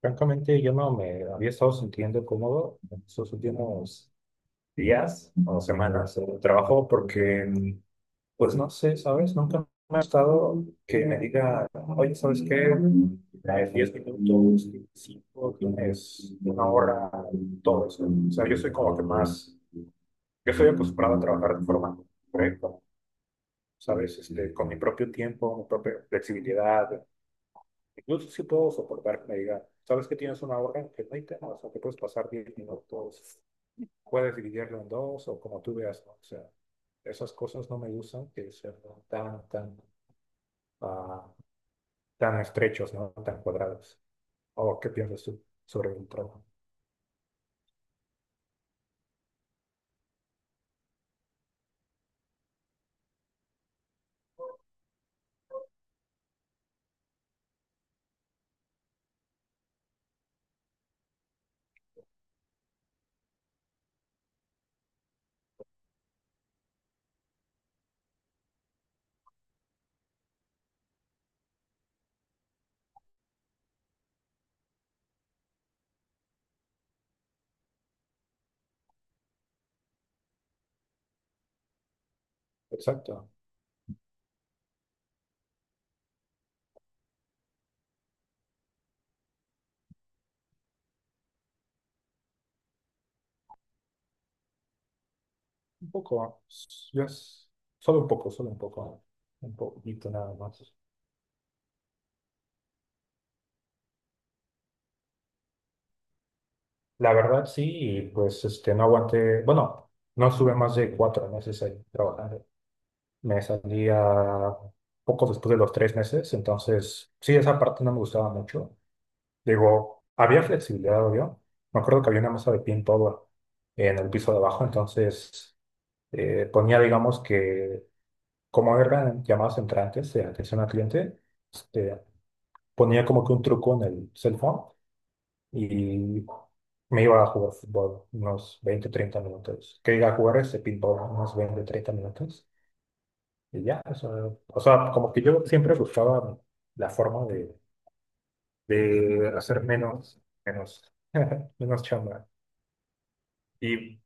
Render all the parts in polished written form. Francamente, yo no me había estado sintiendo cómodo en esos últimos días o semanas de trabajo porque, pues no sé, ¿sabes? Nunca me ha estado que me diga, oye, ¿sabes qué? Tienes 10 minutos, 5 tienes una hora, todo eso. O sea, yo soy como que más, yo soy acostumbrado a trabajar de forma correcta, ¿sabes? Este, con mi propio tiempo, mi propia flexibilidad. Incluso sí puedo soportar que me diga, sabes que tienes una hora, que no hay tema, o sea, que puedes pasar 10 minutos, puedes dividirlo en dos o como tú veas, ¿no? O sea, esas cosas no me gustan que sean tan, tan, ah, tan estrechos, ¿no? Tan cuadrados. ¿O qué piensas tú sobre el trabajo? Exacto. Un poco, yo es- solo un poco, solo un poco, un poquito nada más. La verdad sí, y pues este, no aguanté, bueno, no sube más de 4 meses ahí trabajando. Me salía poco después de los 3 meses, entonces sí, esa parte no me gustaba mucho. Digo, había flexibilidad, obvio. Me acuerdo que había una mesa de pin power en el piso de abajo, entonces ponía, digamos que, como eran llamadas entrantes de atención al cliente, este, ponía como que un truco en el cell phone y me iba a jugar fútbol unos 20 30 minutos. Que iba a jugar ese pinball unos 20, 30 minutos. Y ya, eso, o sea, como que yo siempre buscaba la forma de hacer menos, menos, menos chamba. Y,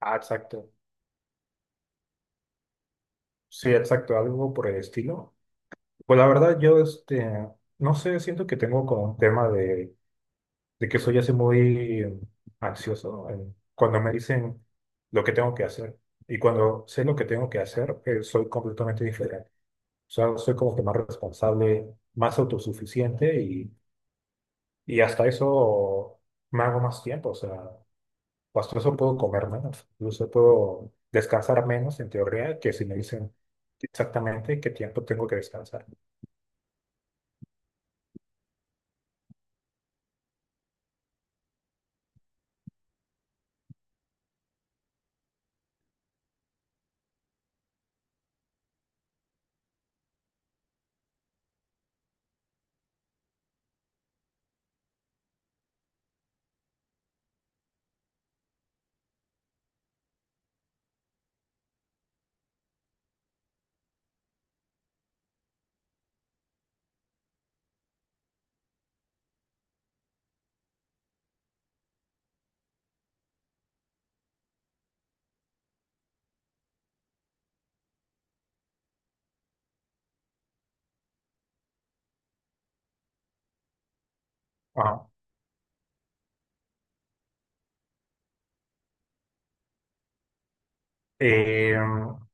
exacto. Sí, exacto, algo por el estilo. Pues la verdad, yo, este, no sé, siento que tengo como un tema de que soy así muy ansioso cuando me dicen lo que tengo que hacer. Y cuando sé lo que tengo que hacer, soy completamente diferente. O sea, soy como que más responsable, más autosuficiente y hasta eso me hago más tiempo, o sea, hasta eso puedo comer menos, incluso puedo descansar menos en teoría que si me dicen exactamente qué tiempo tengo que descansar. Ajá. Eh,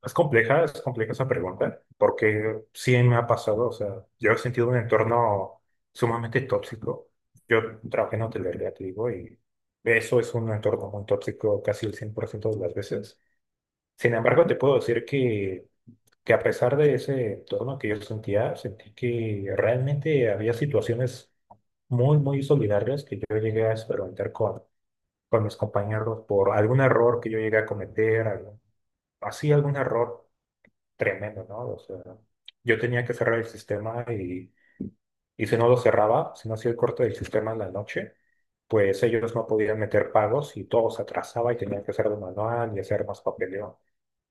es compleja, es compleja esa pregunta, porque sí me ha pasado, o sea, yo he sentido un entorno sumamente tóxico. Yo trabajé en hotelería, te digo, y eso es un entorno muy tóxico casi el 100% de las veces. Sin embargo, te puedo decir que a pesar de ese entorno que yo sentía, sentí que realmente había situaciones muy, muy solidarias que yo llegué a experimentar con mis compañeros por algún error que yo llegué a cometer, así algún error tremendo, ¿no? O sea, yo tenía que cerrar el sistema y si no lo cerraba, si no hacía el corte del sistema en la noche, pues ellos no podían meter pagos y todo se atrasaba y tenían que hacerlo manual y hacer más papeleo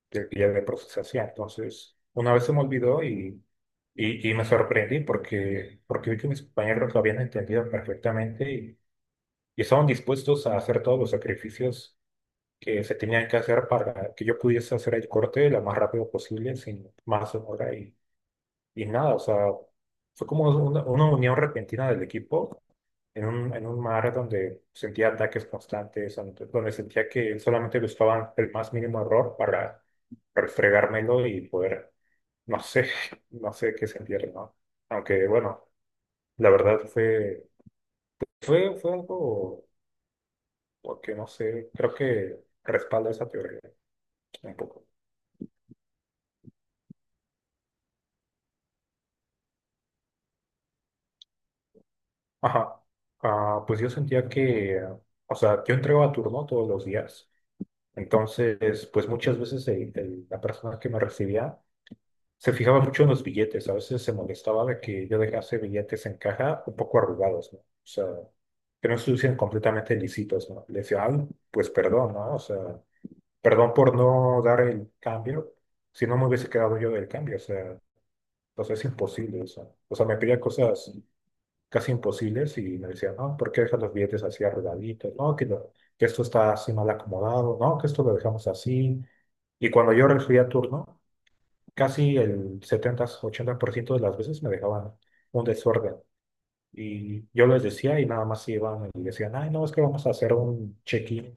que ya de procesación. Entonces, una vez se me olvidó y me sorprendí porque, porque vi que mis compañeros lo habían entendido perfectamente y estaban dispuestos a hacer todos los sacrificios que se tenían que hacer para que yo pudiese hacer el corte lo más rápido posible, sin más demora. Y nada, o sea, fue como una unión repentina del equipo en un mar donde sentía ataques constantes, donde sentía que solamente buscaban el más mínimo error para refregármelo y poder, no sé, no sé qué sentir, ¿no? Aunque bueno, la verdad fue, fue, fue algo, porque no sé, creo que respalda esa teoría un poco. Ajá. Ah, pues yo sentía que, o sea, yo entregaba turno todos los días. Entonces, pues muchas veces la persona que me recibía se fijaba mucho en los billetes, a veces se molestaba de que yo dejase billetes en caja un poco arrugados, ¿no? O sea, que no estuviesen completamente lícitos, ¿no? Le decía, ay, pues perdón, ¿no? O sea, perdón por no dar el cambio, si no me hubiese quedado yo del cambio, o sea, entonces es imposible eso. O sea, me pedía cosas casi imposibles y me decían, no, ¿por qué dejas los billetes así arrugaditos? No, que, que esto está así mal acomodado, no, que esto lo dejamos así. Y cuando yo recibía turno, casi el 70 80% de las veces me dejaban un desorden. Y yo les decía y nada más iban y decían, ay, no, es que vamos a hacer un check-in,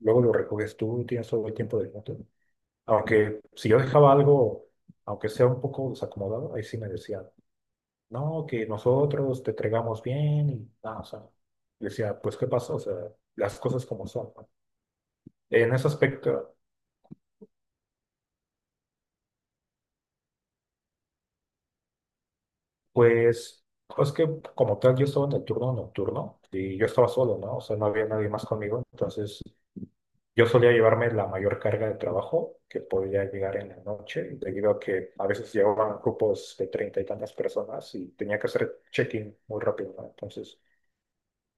luego lo recoges tú y tienes todo el tiempo del mundo. Aunque si yo dejaba algo, aunque sea un poco desacomodado, ahí sí me decían, no, que nosotros te entregamos bien y nada, o sea, yo decía, pues, ¿qué pasó? O sea, las cosas como son, ¿no? En ese aspecto, pues, es que como tal, yo estaba en el turno nocturno y yo estaba solo, ¿no? O sea, no había nadie más conmigo, entonces yo solía llevarme la mayor carga de trabajo que podía llegar en la noche, debido a que a veces llevaban grupos de treinta y tantas personas y tenía que hacer check-in muy rápido, ¿no? Entonces.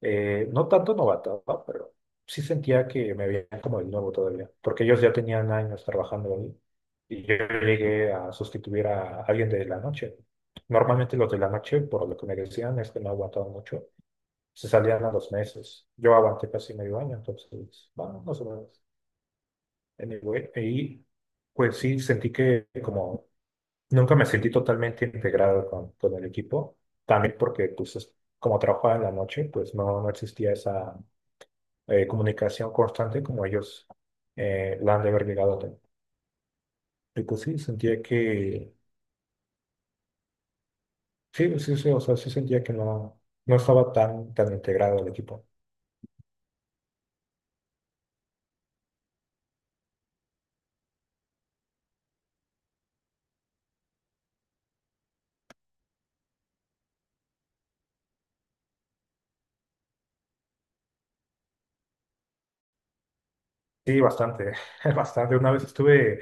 No tanto novato, ¿no?, pero sí sentía que me veían como el nuevo todavía, porque ellos ya tenían años trabajando ahí y yo llegué a sustituir a alguien de la noche. Normalmente los de la noche, por lo que me decían, es que no aguantaban mucho, se salían a los meses. Yo aguanté casi medio año, entonces, bueno, más o menos. Anyway, y pues sí, sentí que como nunca me sentí totalmente integrado con el equipo, también porque pues como trabajaba en la noche, pues no, no existía esa comunicación constante como ellos la han de haber llegado a tener. Y pues sí, sentía que, sí, sí, sí, o sea, sí sentía que no, no estaba tan, tan integrado el equipo. Sí, bastante, bastante. Una vez estuve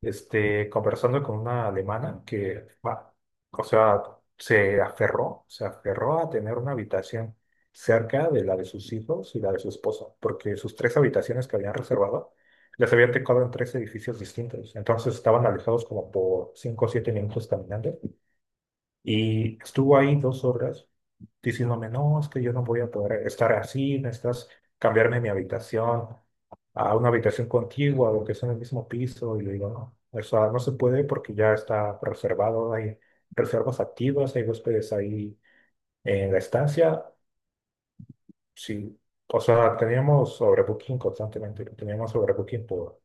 este, conversando con una alemana que, va, o sea, se aferró a tener una habitación cerca de la de sus hijos y la de su esposa, porque sus tres habitaciones que habían reservado les habían tocado en tres edificios distintos, entonces estaban alejados como por 5 o 7 minutos caminando y estuvo ahí 2 horas diciéndome, no, es que yo no voy a poder estar así, necesitas cambiarme mi habitación a una habitación contigua o que sea en el mismo piso. Y le digo, no, o sea, no se puede porque ya está reservado, hay reservas activas, hay huéspedes ahí en la estancia. Sí, o sea, teníamos sobrebooking constantemente, teníamos sobrebooking por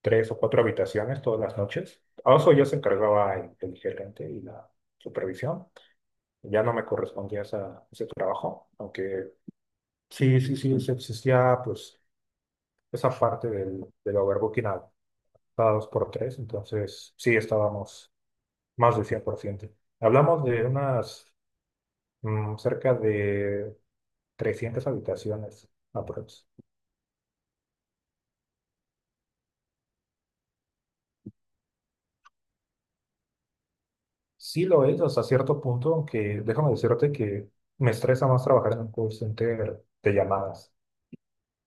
tres o cuatro habitaciones todas las noches. A eso ya se encargaba el gerente y la supervisión. Ya no me correspondía ese trabajo, aunque sí, sí, sí, sí existía pues esa parte del, del overbooking a cada dos por tres, entonces sí estábamos más del 100%. Hablamos de unas cerca de 300 habitaciones aprox. Sí lo es hasta cierto punto, aunque déjame decirte que me estresa más trabajar en un call center de llamadas.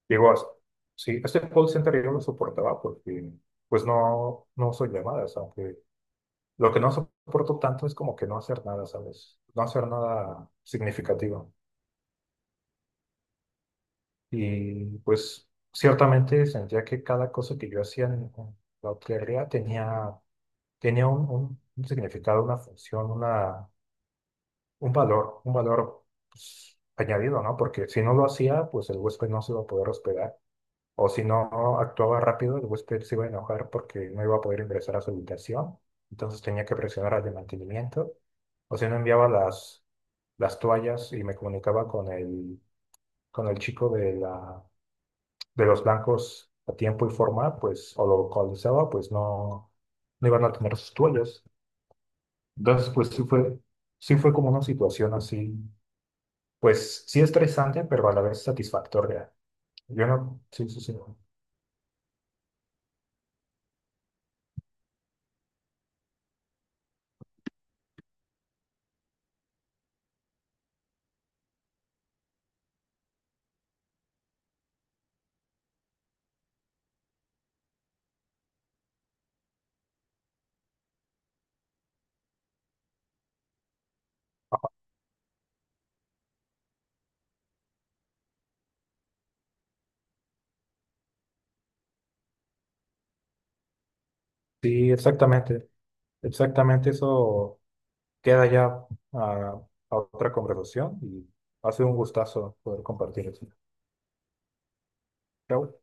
Digo, sí, este call center yo lo soportaba porque pues no, no son llamadas, aunque lo que no soporto tanto es como que no hacer nada, ¿sabes? No hacer nada significativo. Y pues ciertamente sentía que cada cosa que yo hacía en la hotelería tenía, tenía un, un significado, una función, una, un valor pues, añadido, ¿no? Porque si no lo hacía, pues el huésped no se iba a poder hospedar. O si no actuaba rápido, el huésped se iba a enojar porque no iba a poder ingresar a su habitación. Entonces tenía que presionar al de mantenimiento. O si no enviaba las toallas y me comunicaba con el chico de la, de los blancos a tiempo y forma, pues, o lo localizaba, pues no, no iban a tener sus toallas. Entonces, pues sí fue como una situación así, pues sí estresante, pero a la vez satisfactoria. Yo no, sí, sí, sí. Sí, exactamente. Exactamente, eso queda ya a, a otra conversación y ha sido un gustazo poder compartir eso. Chao.